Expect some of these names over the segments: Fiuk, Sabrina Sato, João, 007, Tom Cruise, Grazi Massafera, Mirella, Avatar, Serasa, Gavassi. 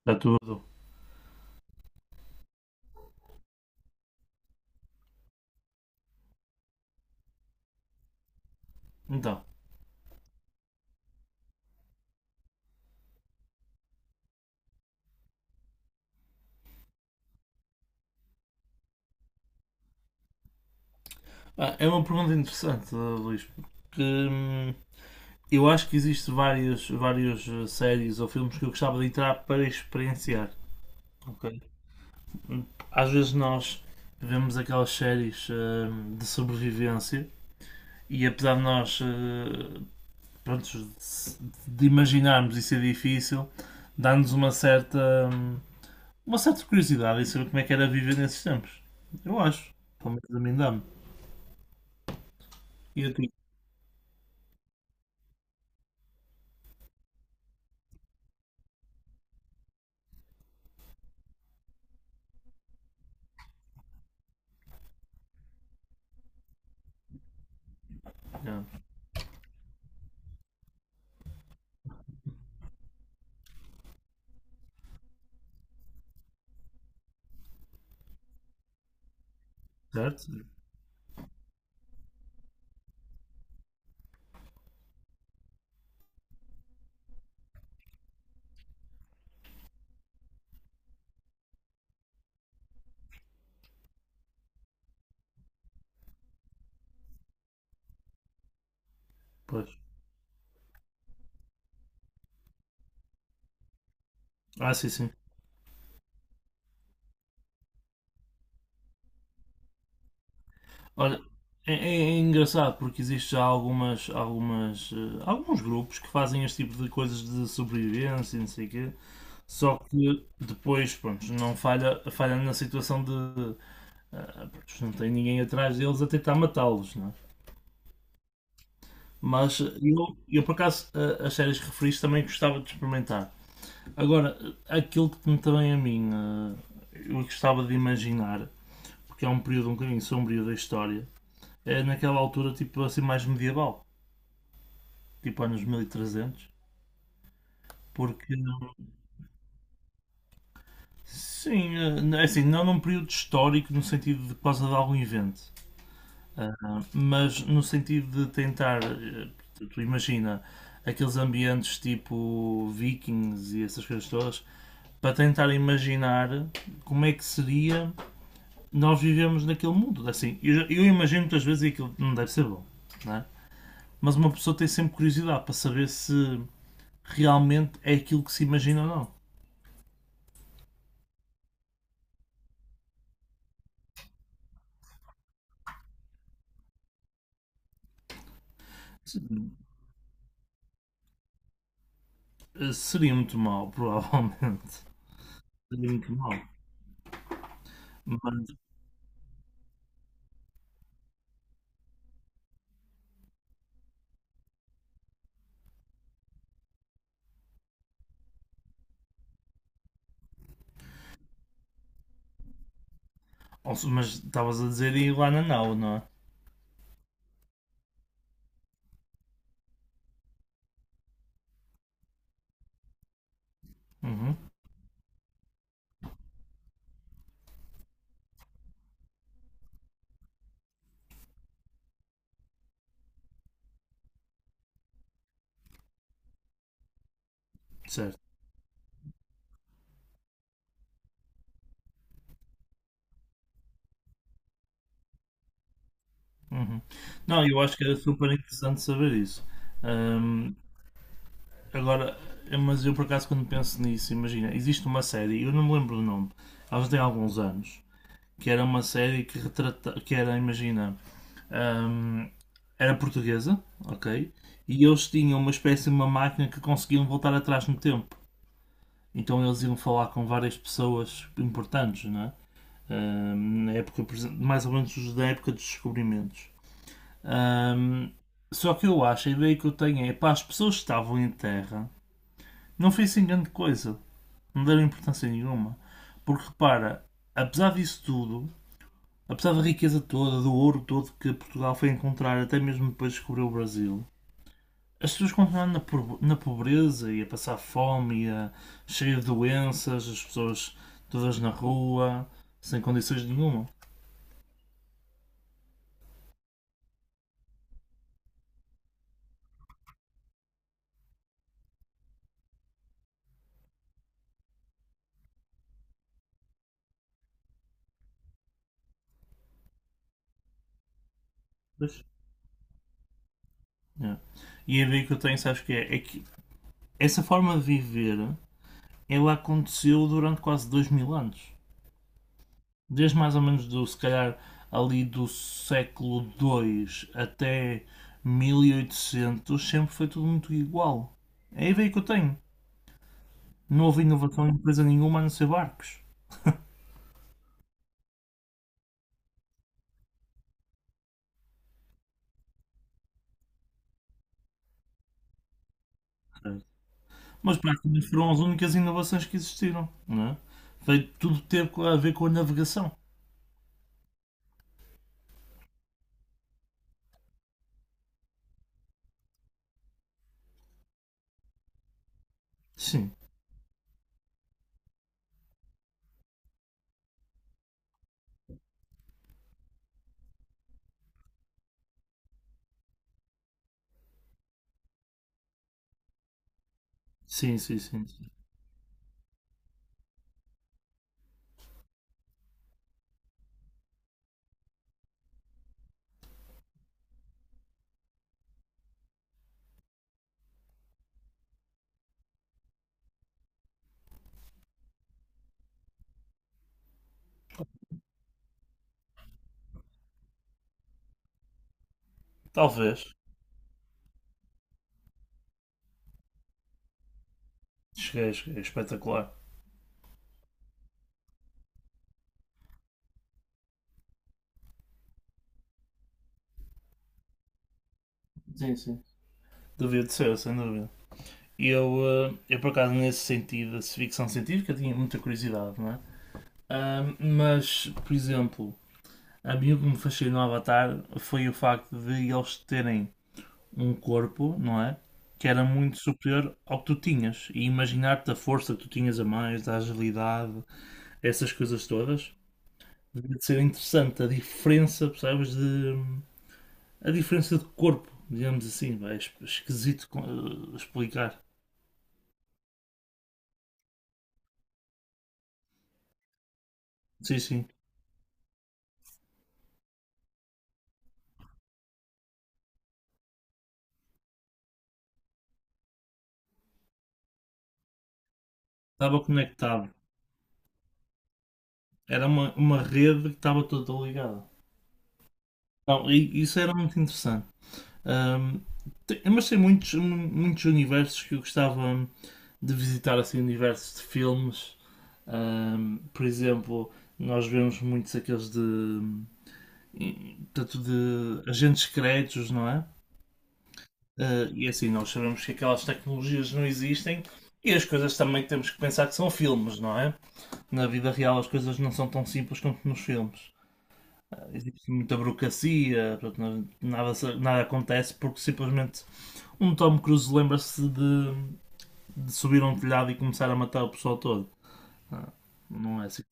Está tudo. Então, ah, é uma pergunta interessante, Luís, porque eu acho que existem várias séries ou filmes que eu gostava de entrar para experienciar. Ok? Hum, Às vezes nós vemos aquelas séries de sobrevivência e apesar de nós pronto, de imaginarmos isso é difícil, dá-nos uma certa curiosidade em saber como é que era viver nesses tempos. Eu acho. Pelo menos a mim dá-me. E a ti? Ah, certo? Pois. Ah, sim, sim. Olha, é, é- é engraçado porque existe já algumas, alguns grupos que fazem este tipo de coisas de sobrevivência e não sei o quê, só que depois, pronto, não falha, falha na situação de, ah, pronto, não tem ninguém atrás deles a tentar matá-los, não é? Mas eu por acaso, as séries que referiste também gostava de experimentar. Agora, aquilo que me também a mim, eu gostava de imaginar, porque é um período um bocadinho sombrio da história, é naquela altura tipo assim mais medieval, tipo anos 1300. Porque, sim, é assim, não num período histórico no sentido de por causa de algum evento, ah, mas no sentido de tentar, tu imagina, aqueles ambientes tipo vikings e essas coisas todas, para tentar imaginar como é que seria nós vivemos naquele mundo. É assim, eu imagino muitas vezes e aquilo não deve ser bom, não é? Mas uma pessoa tem sempre curiosidade para saber se realmente é aquilo que se imagina ou não. Seria muito mal, provavelmente. Seria muito mal. Mas, mas estavas a dizer ir lá na nau, não é? Uhum, certo. Uhum. Não, eu acho que era super interessante saber isso. Ahm, agora, mas eu por acaso quando penso nisso, imagina, existe uma série, eu não me lembro do nome, ela já tem alguns anos, que era uma série que retrata, que era, imagina, hum, era portuguesa, ok? E eles tinham uma espécie de uma máquina que conseguiam voltar atrás no tempo. Então eles iam falar com várias pessoas importantes, não é? Na época, por exemplo, mais ou menos da época dos descobrimentos. Hum, só que eu acho, a ideia que eu tenho é, pá, as pessoas que estavam em terra não fez assim grande coisa, não deram importância nenhuma. Porque repara, apesar disso tudo, apesar da riqueza toda, do ouro todo que Portugal foi encontrar, até mesmo depois de descobrir o Brasil, as pessoas continuam na pobreza e a passar fome e a cheia de doenças, as pessoas todas na rua, sem condições nenhuma. Pois. É. E a ideia que eu tenho, sabes que é? É que essa forma de viver, ela aconteceu durante quase 2000 anos. Desde mais ou menos do, se calhar, ali do século II até 1800 sempre foi tudo muito igual. É a ideia que eu tenho. Não houve inovação em empresa nenhuma a não ser barcos. Mas praticamente foram as únicas inovações que existiram, não é? Foi tudo ter a ver com a navegação. Sim, sim, sim, sim. Sim. Talvez. Cheguei, cheguei. Espetacular. Sim, sim. Devia de ser, sem dúvida. E eu, por acaso, nesse sentido, de ficção científica, tinha muita curiosidade, não é? Ah, mas, por exemplo, a mim o que me fascinou no Avatar foi o facto de eles terem um corpo, não é? Que era muito superior ao que tu tinhas. E imaginar-te a força que tu tinhas a mais, a agilidade, essas coisas todas, devia de ser interessante. A diferença, percebes, de. A diferença de corpo, digamos assim, vai, é esquisito explicar. Sim, sim. Estava conectado. Era uma rede que estava toda ligada. Então e isso era muito interessante. Ahm, mas tem muitos universos que eu gostava de visitar, assim, universos de filmes. Por exemplo, nós vemos muitos aqueles de, tanto de agentes secretos, não é? Ah, e assim, nós sabemos que aquelas tecnologias não existem e as coisas também temos que pensar que são filmes, não é? Na vida real as coisas não são tão simples quanto nos filmes. Ah, existe muita burocracia, portanto, nada, nada acontece porque simplesmente um Tom Cruise lembra-se de subir a um telhado e começar a matar o pessoal todo. Ah, não é assim que.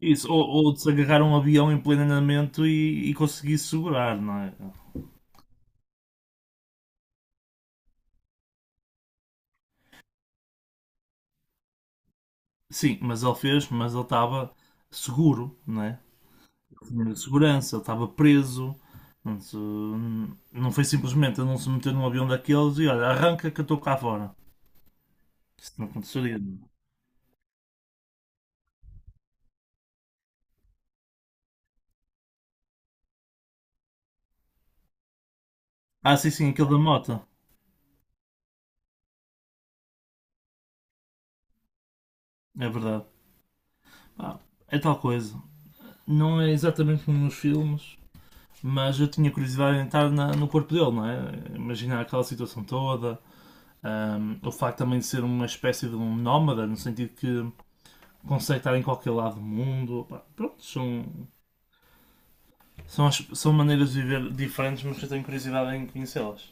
Isso, ou de se agarrar a um avião em pleno andamento e conseguir segurar, não é? Sim, mas ele fez, mas ele estava seguro, não é? Tinha segurança, ele estava preso. Portanto, não foi simplesmente ele não se meter num avião daqueles e olha, arranca que eu estou cá fora. Isso não aconteceria. É? Ah, sim, sim, aquele da moto. É verdade. Ah, é tal coisa. Não é exatamente como nos filmes, mas eu tinha curiosidade em estar no corpo dele, não é? Imaginar aquela situação toda, um, o facto também de ser uma espécie de um nómada, no sentido que consegue estar em qualquer lado do mundo. Pá, pronto, são maneiras de viver diferentes, mas que eu tenho curiosidade em conhecê-las.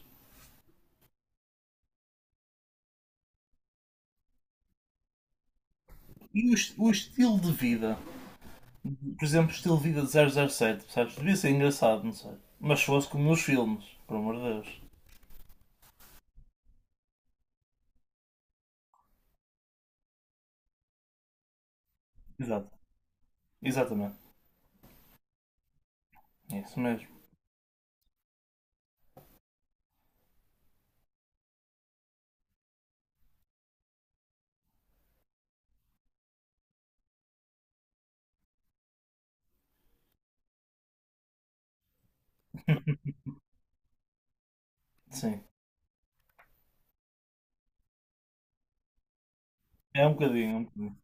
E o estilo de vida, por exemplo, o estilo de vida de 007, percebes? Devia ser engraçado, não sei. Mas se fosse como nos filmes, por amor de Deus. Exato, exatamente. É isso mesmo. Sim. É um bocadinho, é um bocadinho.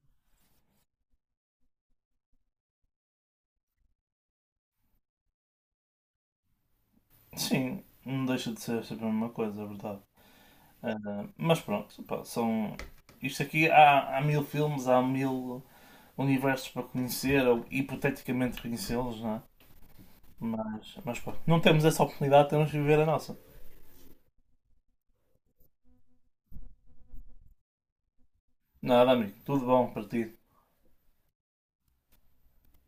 Sim, não deixa de ser sempre a mesma coisa, é verdade. Ah, mas pronto, pá, são. Isto aqui há mil filmes, há mil universos para conhecer, ou hipoteticamente conhecê-los, não é? Mas pronto, não temos essa oportunidade, temos de viver a nossa. Nada, amigo, tudo bom para ti.